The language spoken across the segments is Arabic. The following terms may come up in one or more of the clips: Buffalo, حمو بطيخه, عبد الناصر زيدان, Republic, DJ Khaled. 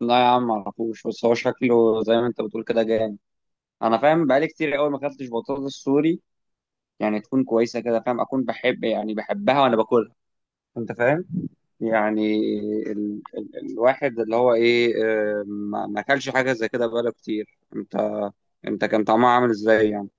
لا يا عم معرفوش. بس هو شكله زي ما انت بتقول كده جامد. انا فاهم، بقالي كتير قوي ما اكلتش بطاطس سوري. يعني تكون كويسه كده فاهم، اكون بحب، يعني بحبها وانا باكلها. انت فاهم يعني. الواحد اللي هو ايه، ما اكلش حاجه زي كده بقاله كتير انت كان طعمها عامل ازاي يعني؟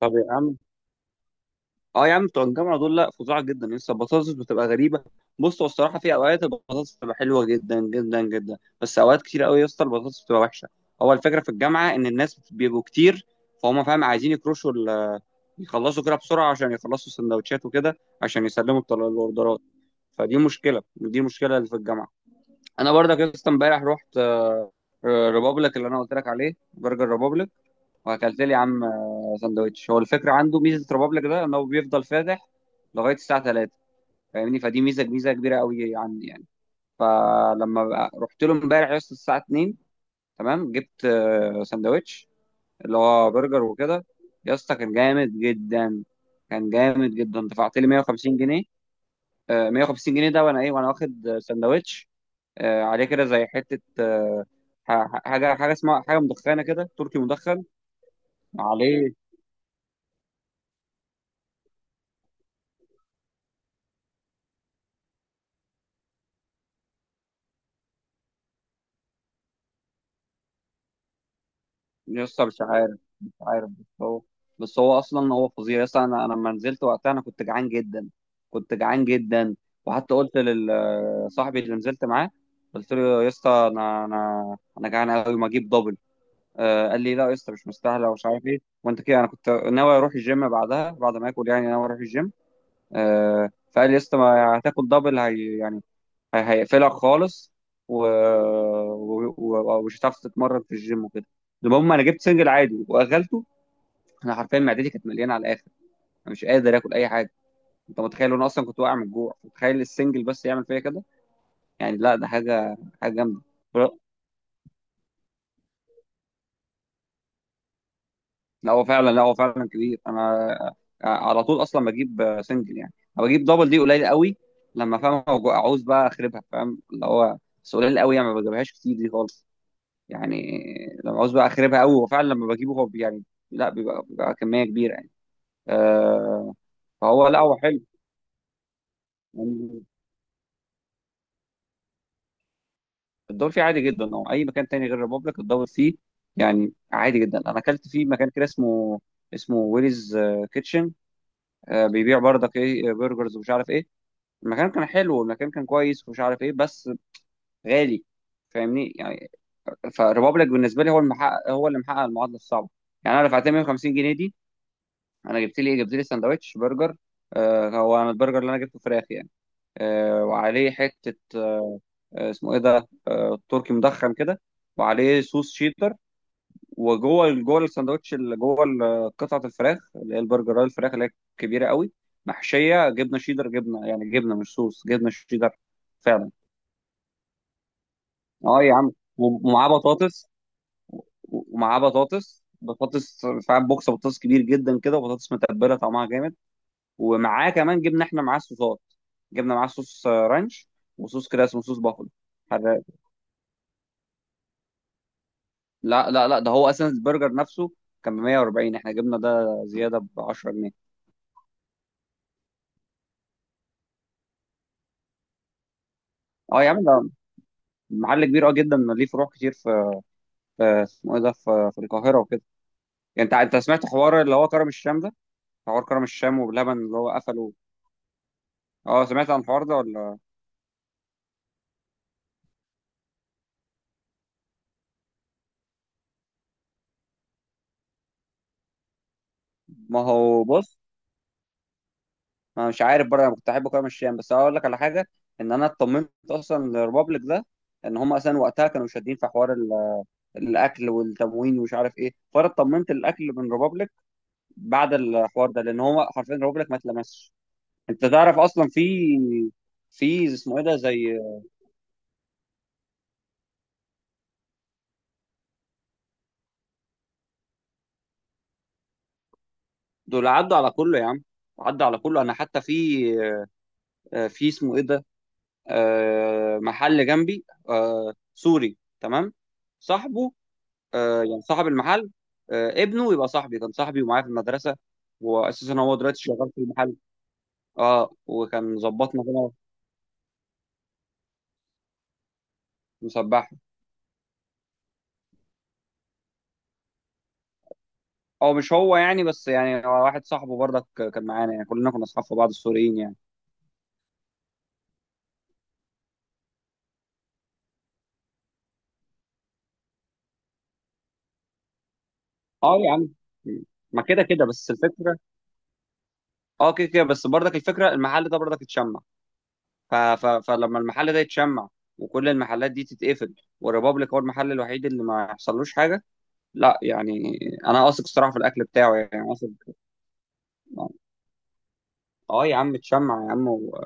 طب يا عم، اه يا عم بتوع الجامعه دول لا فظاع جدا، يعني لسه البطاطس بتبقى غريبه. بص، هو الصراحه في اوقات البطاطس بتبقى حلوه جدا جدا جدا، بس اوقات كتير قوي يا اسطى البطاطس بتبقى وحشه. هو الفكره في الجامعه ان الناس بيبقوا كتير، فاهم عايزين يخلصوا كده بسرعه عشان يخلصوا السندوتشات وكده، عشان يسلموا الاوردرات. فدي مشكله، دي مشكله اللي في الجامعه. انا برضك يا اسطى امبارح رحت ريبابليك اللي انا قلت لك عليه، برجر ريبابليك. واكلت لي يا عم سندوتش. هو الفكره عنده ميزه، ريبابليك ده ان هو بيفضل فاتح لغايه الساعه 3. فاهمني؟ فدي ميزه، ميزه كبيره قوي عندي يعني. فلما رحت له امبارح يا اسطى الساعه 2 تمام، جبت سندوتش اللي هو برجر وكده. يا اسطى كان جامد جدا، كان جامد جدا. دفعت لي 150 جنيه، 150 جنيه ده، وانا واخد سندوتش عليه كده زي حته حاجه اسمها حاجه مدخنه كده، تركي مدخن عليه. لسه مش عارف، مش عارف. بس هو اصلا هو فظيع. لسه انا لما نزلت وقتها انا كنت جعان جدا، كنت جعان جدا. وحتى قلت لصاحبي اللي نزلت معاه، قلت له يا اسطى انا جعان قوي، ما اجيب دبل. قال لي لا يا اسطى مش مستاهله ومش عارف ايه وانت كده، انا كنت ناوي اروح الجيم بعدها، بعد ما اكل يعني، ناوي اروح الجيم. فقال لي يا اسطى، ما هتاكل دبل هي يعني هيقفلك خالص و... ومش هتعرف تتمرن في الجيم وكده. المهم انا جبت سنجل عادي واغلته. انا حرفيا معدتي كانت مليانه على الاخر، انا مش قادر اكل اي حاجه. انت متخيل انا اصلا كنت واقع من الجوع، متخيل السنجل بس يعمل فيا كده؟ يعني لا، ده حاجه، حاجه جامده. لا هو فعلا، لا هو فعلا كبير. انا على طول اصلا بجيب سنجل يعني، أنا بجيب دبل دي قليل قوي. لما فاهم اعوز بقى اخربها، فاهم اللي هو، بس قليل قوي يعني، ما بجيبهاش كتير دي خالص يعني. لما عاوز بقى اخربها قوي هو فعلا، لما بجيبه هو يعني لا، بيبقى كميه كبيره يعني. آه فهو لا، هو حلو يعني. الدور فيه عادي جدا، او اي مكان تاني غير ريبوبليك الدور فيه يعني عادي جدا. انا اكلت فيه مكان كده اسمه ويليز كيتشن. بيبيع برضك ايه، برجرز ومش عارف ايه. المكان كان حلو، والمكان كان كويس ومش عارف ايه، بس غالي. فاهمني يعني. فريبوبليك بالنسبه لي هو المحقق، هو اللي محقق المعادله الصعبه. يعني انا دفعت 150 جنيه دي، انا جبت لي سندوتش برجر. هو انا البرجر اللي انا جبته فراخ يعني. وعليه حته اسمه ايه ده، تركي مدخن كده، وعليه صوص شيدر. وجوه، جوه الساندوتش اللي قطعه الفراخ اللي هي البرجر، الفراخ اللي هي كبيره قوي، محشيه جبنه شيدر، جبنه يعني جبنه، مش صوص، جبنه شيدر. فعلا. اه يا عم، ومعاه بطاطس. ومعاه بطاطس فعلا، بوكس بطاطس كبير جدا كده، وبطاطس متبله طعمها جامد. ومعاه كمان، جبنا احنا معاه الصوصات، جبنا معاه صوص رانش، وصوص كده اسمه صوص بافلو حراق. لا لا لا، ده هو اصلا البرجر نفسه كان ب 140، احنا جبنا ده زياده ب 10 جنيه. اه يا عم، ده محل كبير اه جدا، ليه فروع كتير في، في اسمه ايه ده، في القاهره وكده. يعني انت سمعت حوار اللي هو كرم الشام ده، حوار كرم الشام وبلبن اللي هو قفله؟ اه، سمعت عن الحوار ده ولا؟ ما هو بص، انا مش عارف برضه، انا كنت احبه كده مشيان، بس هقول لك على حاجه. ان انا اطمنت اصلا للريبابليك ده، ان هم اصلا وقتها كانوا شادين في حوار الاكل والتموين ومش عارف ايه، فانا اطمنت الاكل من ريبابليك بعد الحوار ده، لان هو حرفيا ريبابليك ما اتلمسش. انت تعرف اصلا في اسمه ايه ده زي، دول عدوا على كله يا عم، عدوا على كله. انا حتى في اسمه ايه ده، محل جنبي سوري تمام، صاحبه، يعني صاحب المحل، ابنه يبقى صاحبي، كان صاحبي ومعايا في المدرسة، وأساسا هو دلوقتي شغال في المحل. اه، وكان ظبطنا هنا مسبحة. او مش هو يعني، بس يعني هو واحد صاحبه برضك، كان معانا، يعني كلنا كنا اصحاب في بعض السوريين يعني. اه يا عم، ما كده كده بس الفكره. اه، كده كده، بس برضك الفكره المحل ده برضك اتشمع. فلما المحل ده يتشمع، وكل المحلات دي تتقفل، والريبابليك هو المحل الوحيد اللي ما يحصلوش حاجه. لا يعني، انا واثق الصراحه في الاكل بتاعه يعني، واثق. آه. اه يا عم اتشمع يا عم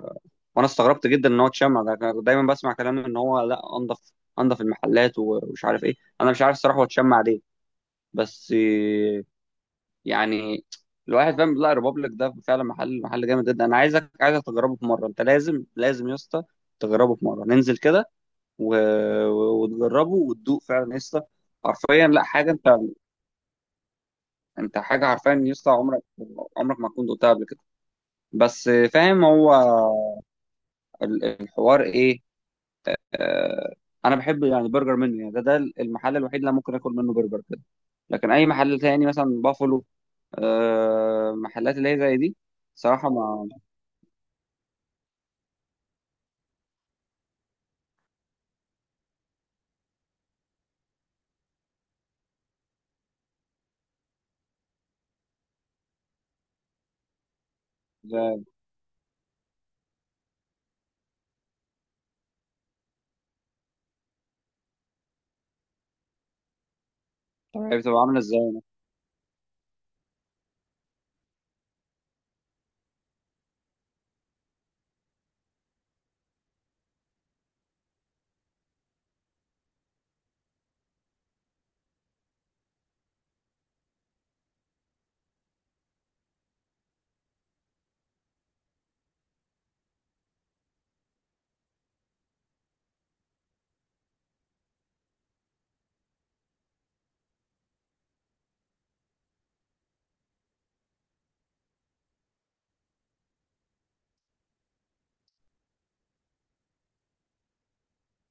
وانا استغربت جدا ان هو اتشمع. ده كان دايما بسمع كلام ان هو لا، انضف انضف المحلات، ومش عارف ايه. انا مش عارف الصراحه هو اتشمع ليه، بس إيه، يعني، الواحد فاهم، لا ريبابليك ده فعلا محل جامد جدا. انا عايزك تجربه في مره، انت لازم لازم يا اسطى تجربه في مره، ننزل كده و... وتجربه وتدوق فعلا يا اسطى. حرفيا لا حاجه، انت، انت حاجه حرفيا يا اسطى، عمرك عمرك ما تكون دقتها قبل كده. بس فاهم هو الحوار ايه، آه، انا بحب يعني برجر منه يعني، ده المحل الوحيد اللي أنا ممكن اكل منه برجر كده. لكن اي محل تاني مثلا بافلو، محلات اللي هي زي دي، صراحه ما ما- طب هي بتبقى عامله ازاي؟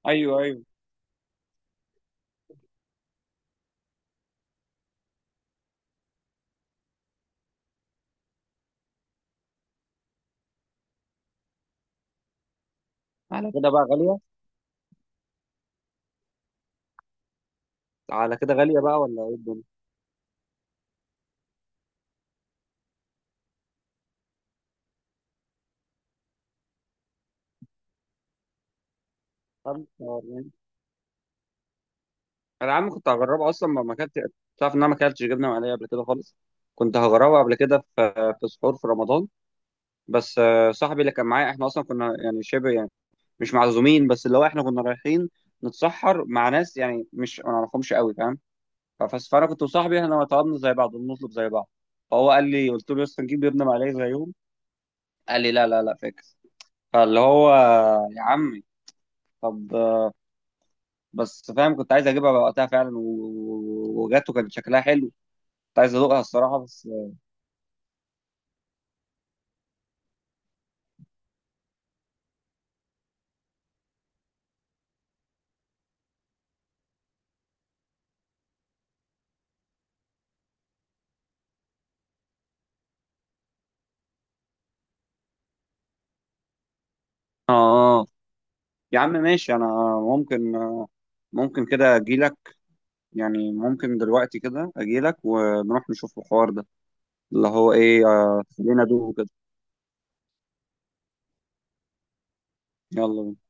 ايوه ايوه. على كده بقى غاليه. على كده غاليه بقى ولا ايه الدنيا؟ 45. انا يا عم كنت هجربها اصلا، ما كانت، تعرف ان انا ما اكلتش جبنه مقليه قبل كده خالص. كنت هجربها قبل كده في سحور في رمضان، بس صاحبي اللي كان معايا احنا اصلا كنا يعني شبه مش معزومين، بس اللي هو احنا كنا رايحين نتسحر مع ناس يعني مش ما نعرفهمش قوي، فاهم؟ فانا كنت وصاحبي احنا طلبنا زي بعض، بنطلب زي بعض. فهو قال لي، قلت له يا اسطى نجيب جبنه مقليه زيهم؟ قال لي لا لا لا فاكس. فاللي هو، يا عمي، طب، بس فاهم كنت عايز اجيبها بقى وقتها فعلا، وجت وكان شكلها حلو، كنت عايز ادوقها الصراحه بس. اه. اه يا عم ماشي. انا ممكن ممكن كده اجي لك، يعني ممكن دلوقتي كده اجي لك ونروح نشوف الحوار ده اللي هو ايه، خلينا ادوق كده. يلا بينا.